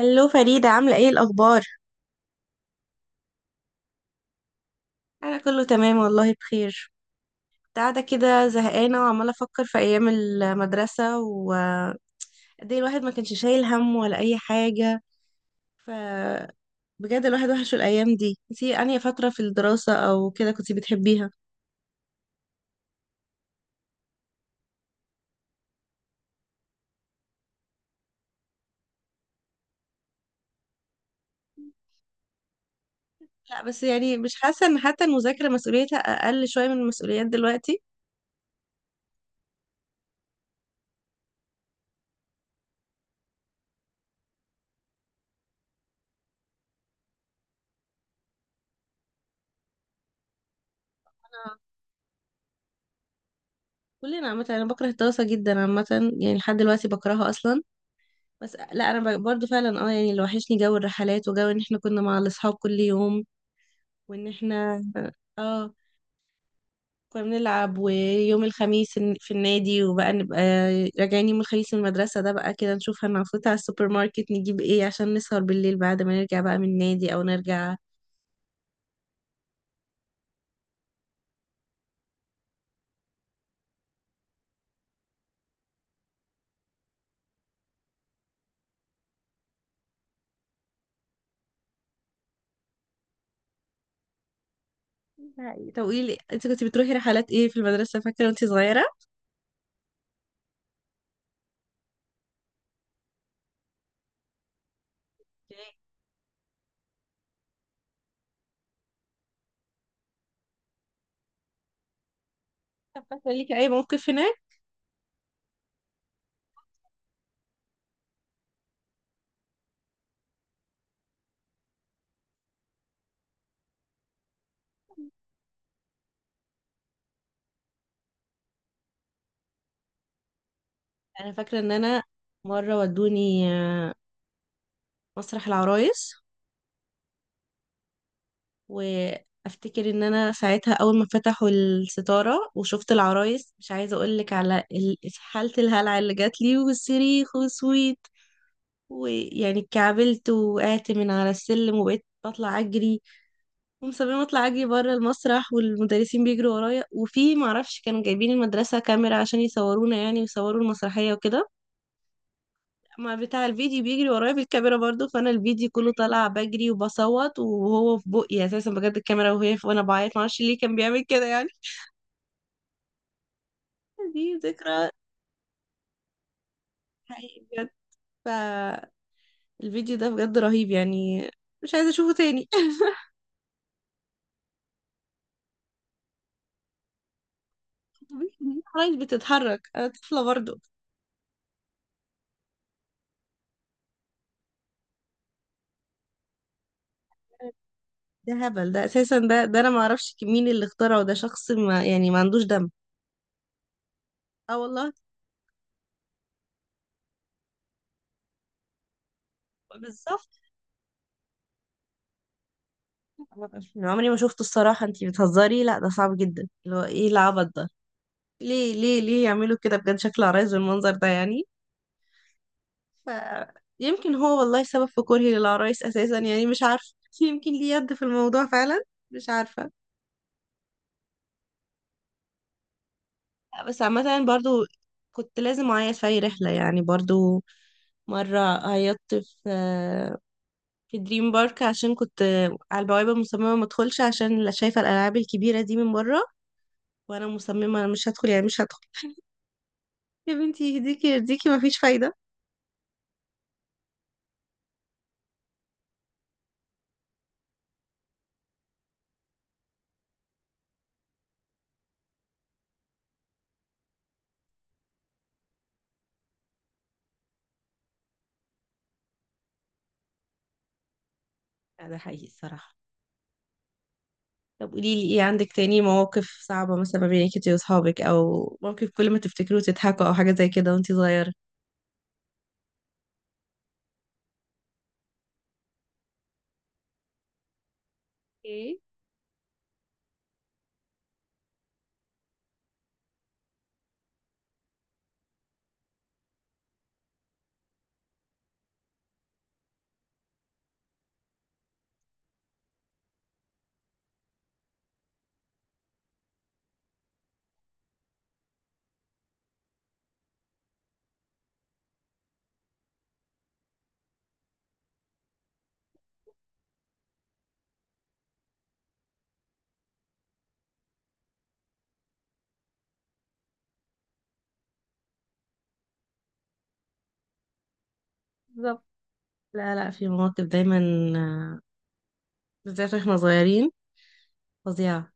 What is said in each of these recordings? هلو فريدة، عاملة ايه الأخبار؟ أنا كله تمام والله، بخير. كنت قاعدة كده زهقانة وعمالة أفكر في أيام المدرسة، وقد ايه الواحد ما كانش شايل هم ولا أي حاجة. فبجد الواحد وحش الأيام دي. انتي أنهي فترة في الدراسة أو كده كنتي بتحبيها؟ لا بس يعني مش حاسة إن حتى المذاكرة مسؤوليتها أقل شوية من المسؤوليات دلوقتي. آه. كلنا عامة، أنا بكره الدراسة جدا عامة، يعني لحد دلوقتي بكرهها أصلا. بس لا، انا برضو فعلا اه يعني اللي وحشني جو الرحلات وجو ان احنا كنا مع الاصحاب كل يوم. وان احنا اه كنا بنلعب، ويوم الخميس في النادي. وبقى نبقى راجعين يوم الخميس من المدرسة، ده بقى كده نشوف هنفوت على السوبر ماركت نجيب ايه عشان نسهر بالليل بعد ما نرجع بقى من النادي او نرجع. طب قولي لي انت كنت بتروحي رحلات ايه في المدرسة، فاكرة وانت صغيرة؟ طب فاكرة ليكي اي موقف هناك؟ انا فاكرة ان انا مرة ودوني مسرح العرايس. وافتكر ان انا ساعتها اول ما فتحوا الستاره وشفت العرايس، مش عايزه اقول لك على حاله الهلع اللي جات لي والصريخ والسويت. ويعني اتكعبلت، وقعت من على السلم وبقيت بطلع اجري. ومصممه اطلع اجري بره المسرح، والمدرسين بيجروا ورايا. وفي معرفش كانوا جايبين المدرسه كاميرا عشان يصورونا يعني، ويصوروا المسرحيه وكده. ما بتاع الفيديو بيجري ورايا بالكاميرا برضو، فانا الفيديو كله طالع بجري وبصوت. وهو في بقي اساسا بجد الكاميرا وهي في وانا بعيط، معرفش ليه كان بيعمل كده يعني. دي ذكرى حقيقي بجد. فالفيديو ده بجد رهيب يعني. مش عايزه اشوفه تاني. العرايس بتتحرك، انا طفله برضو. ده هبل، ده اساسا ده انا ما اعرفش مين اللي اخترعه. ده شخص ما يعني ما عندوش دم. اه والله. بالظبط. أنا عمري ما شفته الصراحه. انتي بتهزري؟ لا ده صعب جدا. اللي هو ايه العبط ده؟ ليه ليه ليه يعملوا كده بجد؟ شكل العرايس بالمنظر ده يعني. ف يمكن هو والله سبب في كرهي للعرايس اساسا يعني، مش عارفه. يمكن ليه يد في الموضوع فعلا. مش عارفه. لا، بس عامه برضو. كنت لازم اعيط في اي رحله يعني برضو. مره عيطت في في دريم بارك، عشان كنت على البوابه مصممه ما ادخلش، عشان لا شايفه الالعاب الكبيره دي من بره. وانا مصممه انا مش هدخل يعني مش هدخل. يا بنتي يهديكي يرضيكي، مفيش فايده. لا، ده حقيقي الصراحه. طب قولي لي ايه عندك تاني مواقف صعبة، مثلا ما بينك انتي واصحابك، او موقف كل ما تفتكروه تضحكوا او حاجة زي كده وانتي صغيرة؟ ايه. بالظبط. لا لا، في مواقف دايما. آه، بالذات واحنا صغيرين، فظيعة.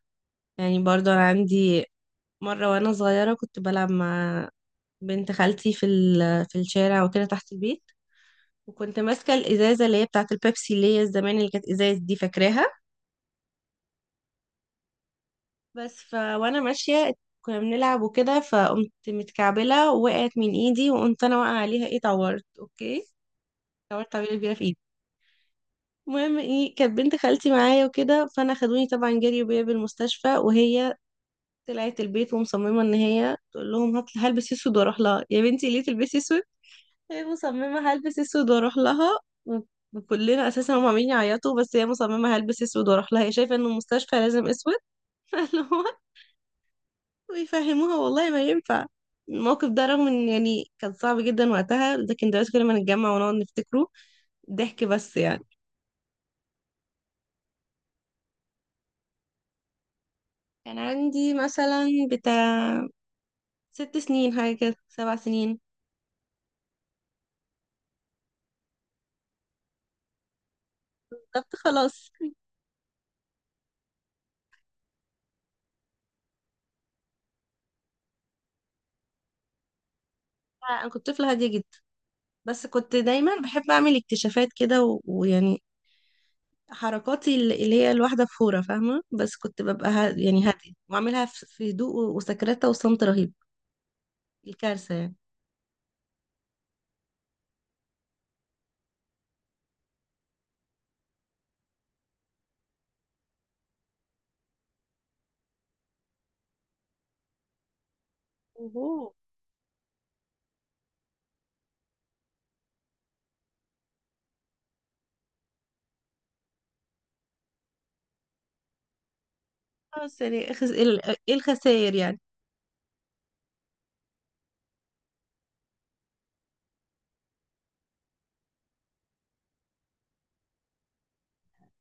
يعني برضو انا عندي مرة وانا صغيرة، كنت بلعب مع بنت خالتي في في الشارع وكده تحت البيت. وكنت ماسكة الإزازة اللي هي بتاعة البيبسي، اللي هي زمان اللي كانت إزاز، دي فاكراها. بس ف وانا ماشيه كنا بنلعب وكده، فقمت متكعبله ووقعت من ايدي، وقمت انا واقعه عليها. ايه طورت، اوكي. طورت تعويله كبيره في ايدي. المهم ايه، كانت بنت خالتي معايا وكده، فانا خدوني طبعا جري بيا بالمستشفى. وهي طلعت البيت ومصممه ان هي تقول لهم هات هلبس اسود واروح لها. يا بنتي ليه تلبسي اسود؟ هي مصممه هلبس اسود واروح لها. و- وكلنا اساسا هم عاملين يعيطوا، بس هي مصممه هلبس اسود واروح لها. هي شايفه ان المستشفى لازم اسود. ويفهموها والله ما ينفع. الموقف ده رغم ان يعني كان صعب جدا وقتها، لكن دلوقتي كل ما نتجمع ونقعد نفتكره، ضحك بس يعني. كان عندي مثلا بتاع 6 سنين حاجة كده، 7 سنين. بالظبط. خلاص. انا كنت طفلة هادية جدا، بس كنت دايما بحب اعمل اكتشافات كده، ويعني حركاتي اللي هي الواحدة فورة فاهمة. بس كنت ببقى ها يعني هادية، واعملها في هدوء وسكرتة وصمت رهيب. الكارثة يعني. اوهو. خلاص يعني ايه الخسائر يعني.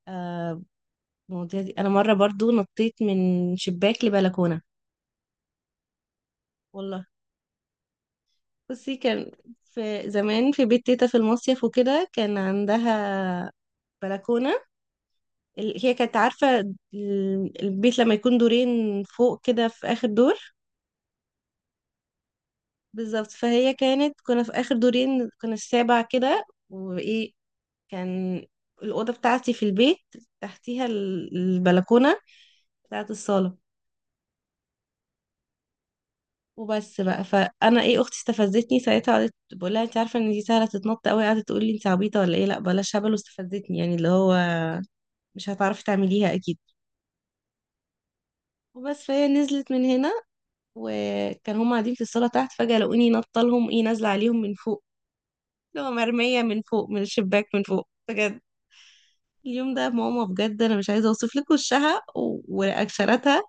آه. المواضيع دي، انا مره برضو نطيت من شباك لبلكونه. والله بصي، كان في زمان في بيت تيتا في المصيف وكده، كان عندها بلكونه. هي كانت عارفه البيت لما يكون دورين فوق كده في اخر دور. بالظبط. فهي كانت كنا في اخر دورين، كنا السابع كده. وايه، كان الاوضه بتاعتي في البيت تحتيها البلكونه بتاعت الصاله وبس بقى. فانا ايه، اختي استفزتني ساعتها، قعدت بقول لها انت عارفه ان دي سهله تتنط قوي، قعدت تقول لي انت عبيطه ولا ايه، لا بلاش هبل. واستفزتني يعني اللي هو، مش هتعرفي تعمليها اكيد. وبس فهي نزلت من هنا. وكان هم قاعدين في الصاله تحت، فجاه لقوني نطه لهم، ايه نازله عليهم من فوق. اللي هو مرميه من فوق من الشباك من فوق بجد. اليوم ده ماما بجد انا مش عايزه اوصف لك وشها ورياكشناتها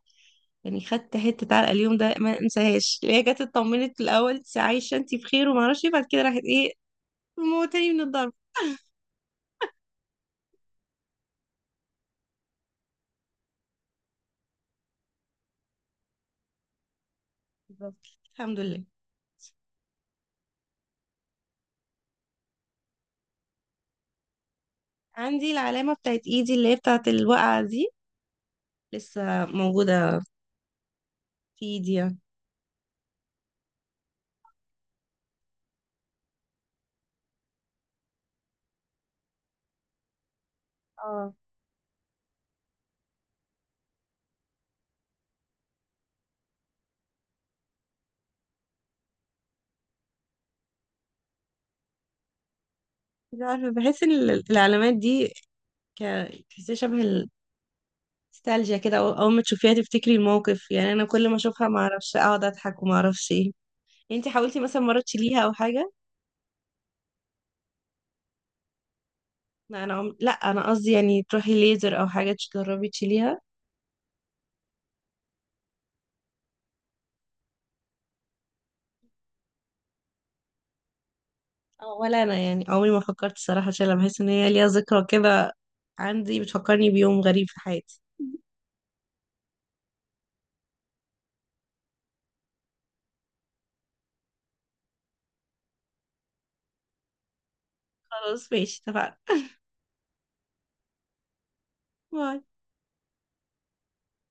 يعني. خدت حته علقه. اليوم ده ما انساهاش، اللي هي جت اطمنت في الاول انت عايشه انت بخير، وما اعرفش إيه، بعد كده راحت ايه وموتني من الضرب. بالظبط. الحمد لله. عندي العلامة بتاعت ايدي اللي هي بتاعت الوقعة دي، لسه موجودة في ايدي يعني. اه. مش عارفة بحس ان العلامات دي ك تحسيها شبه النوستالجيا كده، اول ما تشوفيها تفتكري الموقف يعني. انا كل ما اشوفها ما اعرفش اقعد اضحك وما اعرفش ايه. انتي حاولتي مثلا مرة تشيليها او حاجة؟ لا انا لا انا قصدي يعني تروحي ليزر او حاجة تجربي تشيليها. ولا انا يعني عمري ما فكرت الصراحة اشيلها، بحس ان هي ليها ذكرى كده. عندي، بتفكرني بيوم غريب في حياتي. خلاص ماشي، اتفقنا. باي.